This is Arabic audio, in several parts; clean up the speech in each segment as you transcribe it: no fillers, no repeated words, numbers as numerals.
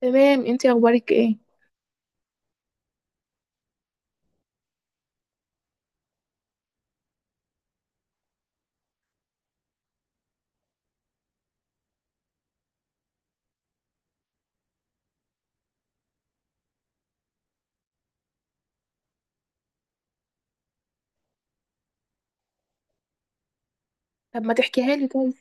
تمام، انتي اخبارك ايه؟ طب ما تحكيها لي طيب.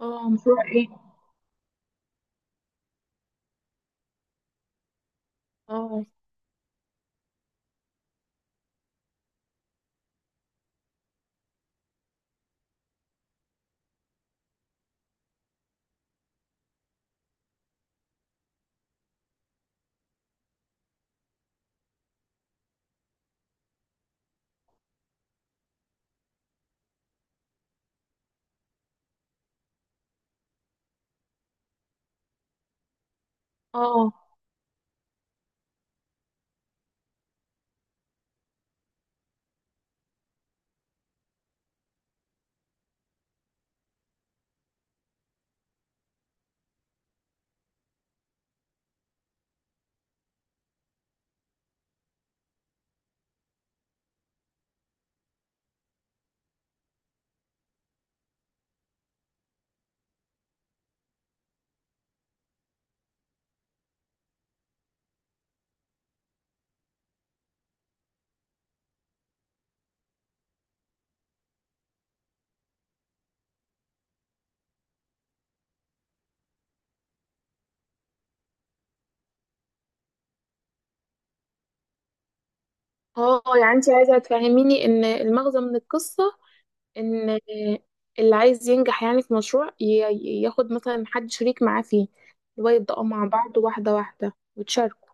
اه، مشروع ايه؟ اه. اه. اه، انتي عايزه تفهميني ان المغزى من القصه ان اللي عايز ينجح في مشروع ياخد مثلا حد شريك معاه فيه، اللي هو يبداوا مع بعض واحده واحده وتشاركوا.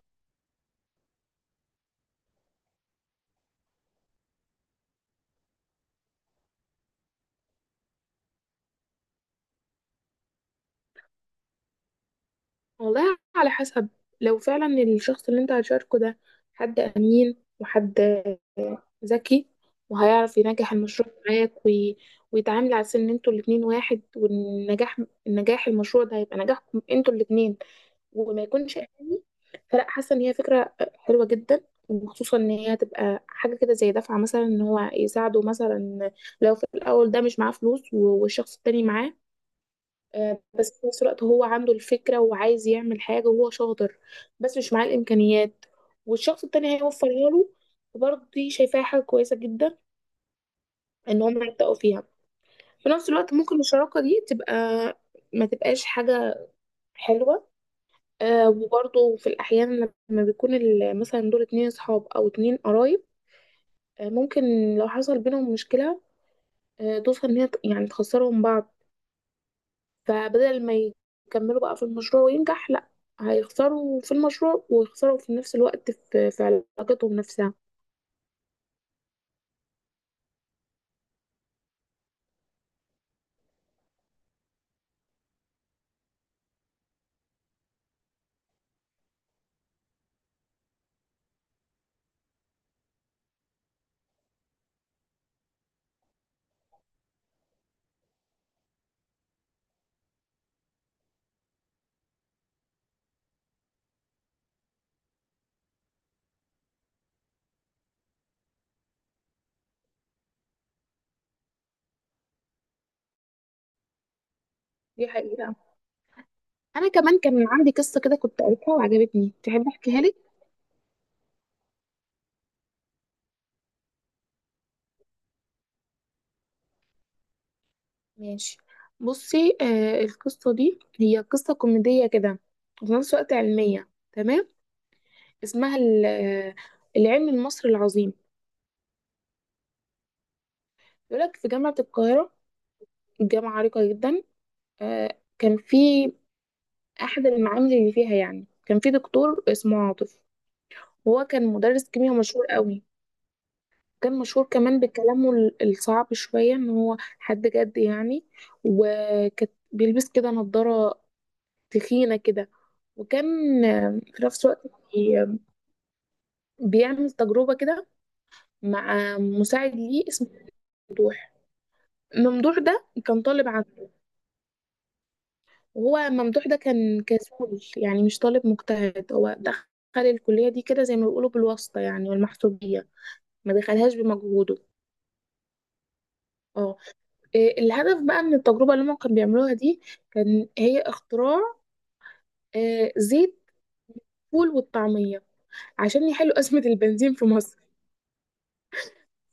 والله على حسب، لو فعلا الشخص اللي انت هتشاركه ده حد أمين وحد ذكي وهيعرف ينجح المشروع معاك ويتعامل على أساس إن انتوا الاتنين واحد، والنجاح، النجاح المشروع ده هيبقى نجاحكم انتوا الاتنين، وما يكونش أناني. فلا، حاسة إن هي فكرة حلوة جدا، وخصوصا إن هي تبقى حاجة كده زي دفعة مثلا، إن هو يساعده مثلا لو في الأول ده مش معاه فلوس والشخص التاني معاه. بس في نفس الوقت هو عنده الفكرة وعايز يعمل حاجة وهو شاطر بس مش معاه الإمكانيات، والشخص التاني هيوفرها له. برضه دي شايفاها حاجة كويسة جدا إن هم يبدأوا فيها. في نفس الوقت ممكن الشراكة دي تبقى ما تبقاش حاجة حلوة. آه، وبرضه في الأحيان لما بيكون مثلا دول اتنين صحاب أو اتنين قرايب، آه، ممكن لو حصل بينهم مشكلة، آه، توصل إن هي يعني تخسرهم بعض. فبدل ما يكملوا بقى في المشروع وينجح، لا، هيخسروا في المشروع ويخسروا في نفس الوقت في علاقتهم نفسها. دي حقيقة. انا كمان كان عندي قصة كده كنت قريتها وعجبتني، تحب احكيها لك؟ ماشي. بصي، آه، القصة دي هي قصة كوميدية كده وفي نفس الوقت علمية، تمام؟ اسمها العلم المصري العظيم. يقولك في جامعة القاهرة، الجامعة عريقة جدا، آه، كان في أحد المعامل اللي فيها، يعني كان في دكتور اسمه عاطف. هو كان مدرس كيمياء مشهور قوي، كان مشهور كمان بكلامه الصعب شوية، ان هو حد جد يعني، وكان بيلبس كده نظارة تخينة كده، وكان في نفس الوقت بي- بيعمل تجربة كده مع مساعد ليه اسمه ممدوح. ممدوح ده كان طالب عنده، وهو ممدوح ده كان كسول يعني مش طالب مجتهد، هو دخل الكلية دي كده زي ما بيقولوا بالواسطة يعني والمحسوبية، ما دخلهاش بمجهوده. اه. آه، الهدف بقى من التجربة اللي هما كانوا بيعملوها دي كان هي اختراع زيت الفول والطعمية عشان يحلوا أزمة البنزين في مصر.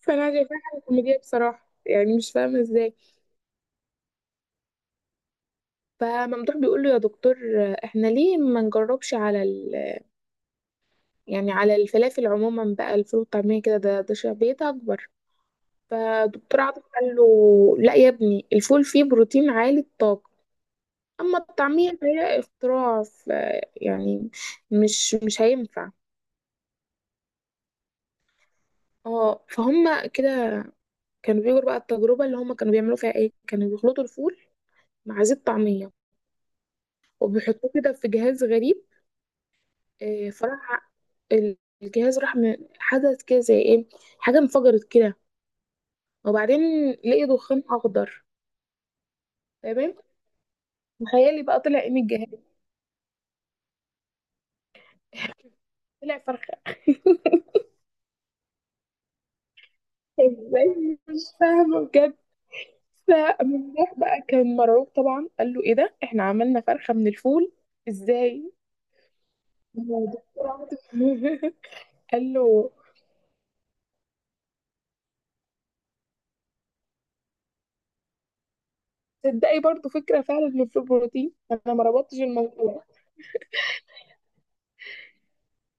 فأنا شايفاها حاجة كوميدية بصراحة، يعني مش فاهمة ازاي. فممدوح بيقول له: يا دكتور، احنا ليه ما نجربش على ال... يعني على الفلافل عموما بقى، الفول والطعمية كده ده شعبيتها أكبر. فدكتور عاطف قال له: لا يا ابني، الفول فيه بروتين عالي الطاقة، اما التعمير فهي اختراع، ف، يعني مش هينفع. اه فهم كده. كانوا بيجروا بقى التجربه اللي هم كانوا بيعملوا فيها ايه، كانوا بيخلطوا الفول مع زيت طعميه وبيحطوه كده في جهاز غريب. فراح ال- الجهاز راح، حدث كده زي ايه، حاجه انفجرت كده، وبعدين لقي دخان اخضر. تمام. تخيلي بقى طلع ايه من الجهاز؟ طلع فرخه. ازاي، مش فاهمه بجد. فمفتاح بقى كان مرعوب طبعا، قال له: ايه ده، احنا عملنا فرخة من الفول ازاي؟ هو دكتور قال له: تصدقي برضو فكرة فعلا، من في البروتين انا ما ربطتش الموضوع.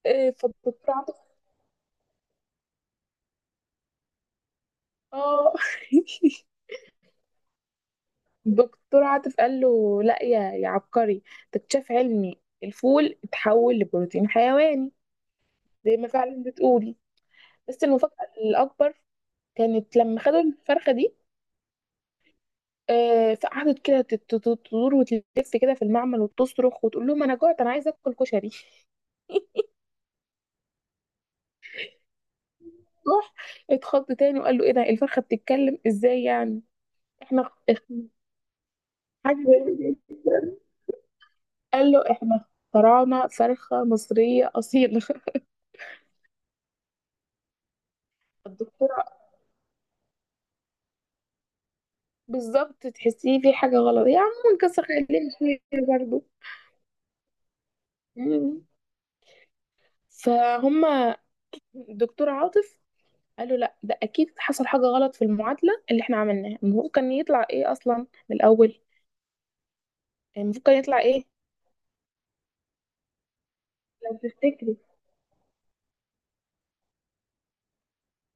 إيه، فالدكتور عاطف، اه، الدكتور عاطف قال له: لا يا عبقري، تكتشف علمي الفول اتحول لبروتين حيواني زي ما فعلا بتقولي. بس المفاجأة الأكبر كانت لما خدوا الفرخة دي، فقعدت كده تدور وتلف كده في المعمل وتصرخ وتقول لهم: انا جوعت، انا عايزه اكل كشري. راح اتخض تاني وقال له: ايه ده، الفرخه بتتكلم ازاي يعني، احنا إخ- حاجه غريبة جداً. قال له: احنا اخترعنا فرخه مصريه اصيله. الدكتوره بالظبط، تحسيه في حاجه غلط يا عم، نكسر خلينا فيه برضه. مم. فهم الدكتور عاطف قال له: لا، ده اكيد حصل حاجه غلط في المعادله اللي احنا عملناها، المفروض كان يطلع ايه اصلا من الاول، المفروض كان يطلع ايه؟ لو تفتكري،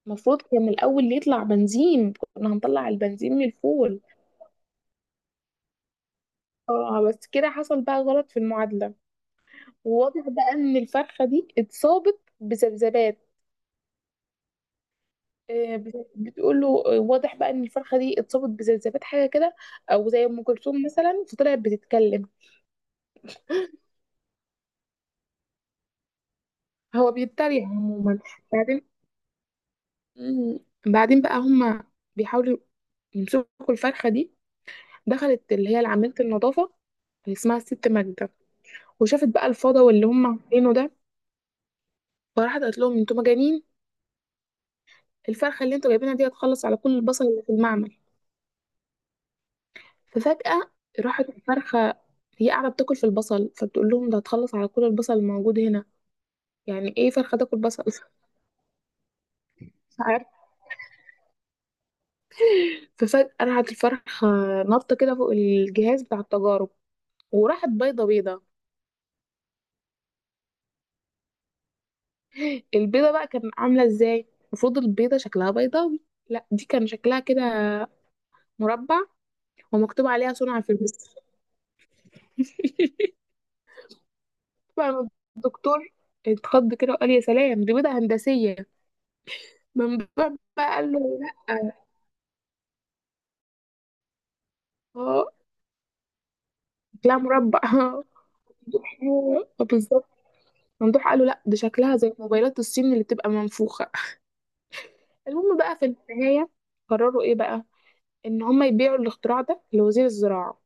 المفروض كان الاول يطلع بنزين، كنا هنطلع البنزين من الفول. اه، بس كده حصل بقى غلط في المعادله. وواضح بقى ان الفرخه دي اتصابت بذبذبات، بتقول له: واضح بقى ان الفرخه دي اتصابت بذبذبات حاجه كده، او زي ام كلثوم مثلا، فطلعت بتتكلم. هو بيتريق عموما. بعدين، مم، بعدين بقى هما بيحاولوا يمسكوا الفرخه دي. دخلت اللي هي عامله النظافه اللي اسمها الست ماجده، وشافت بقى الفضا واللي هم عاملينه ده، فراحت قالت لهم: انتوا مجانين، الفرخه اللي انتوا جايبينها دي هتخلص على كل البصل اللي في المعمل. ففجاه راحت الفرخه، هي قاعده بتاكل في البصل، فبتقول لهم: ده هتخلص على كل البصل الموجود هنا. يعني ايه فرخه تاكل بصل؟ مش عارف. ففجاه راحت الفرخه نطه كده فوق الجهاز بتاع التجارب، وراحت بيضه. البيضه بقى كان عامله ازاي؟ المفروض البيضه شكلها بيضاوي، لا دي كان شكلها كده مربع، ومكتوب عليها صنع في مصر. بقى لما الدكتور اتخض كده وقال: يا سلام، دي بيضة هندسية. ممدوح بقى قال له: لا، اه، شكلها مربع. اه، آه، بالظبط. ممدوح قال له: لا، دي شكلها زي موبايلات الصين اللي بتبقى منفوخة. المهم بقى في النهاية، قرروا ايه بقى، ان هم يبيعوا الاختراع ده لوزير الزراعة.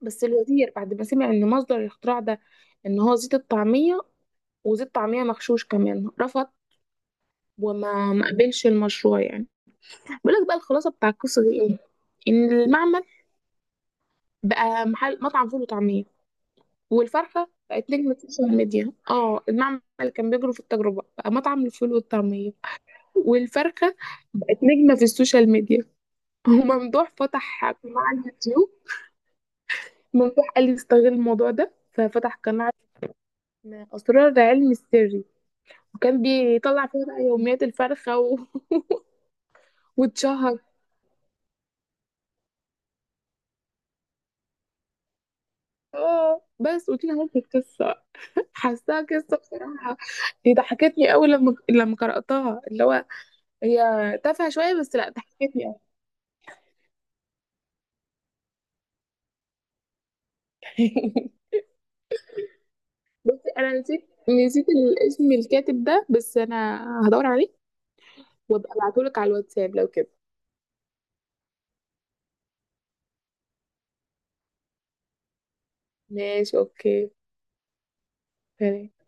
بس الوزير بعد ما سمع ان مصدر الاختراع ده ان هو زيت الطعمية، وزيت طعمية مغشوش كمان، رفض وما ما قبلش المشروع يعني. بيقول لك بقى الخلاصة بتاع القصة دي ايه: ان المعمل بقى محل مطعم فول وطعمية، والفرحة بقت نجمة السوشيال ميديا. اه، المعمل اللي كان بيجروا في التجربة بقى مطعم الفول والطعمية، والفرخة بقت نجمة في السوشيال ميديا. وممدوح فتح قناة على اليوتيوب. ممدوح قال لي استغل الموضوع ده، ففتح قناة اسمها أسرار العلم السري، وكان بيطلع فيها بقى يوميات الفرخة واتشهر. اه، بس قلت لها ممكن القصة، حاساها قصة بصراحة، ضحكتني أوي لما قرأتها، اللي هو هي تافهة شوية بس، لا ضحكتني يعني. بصي، انا نسيت الاسم الكاتب ده، بس انا هدور عليه وابقى ابعتهولك على الواتساب لو كده. ماشي، اوكي. سلام.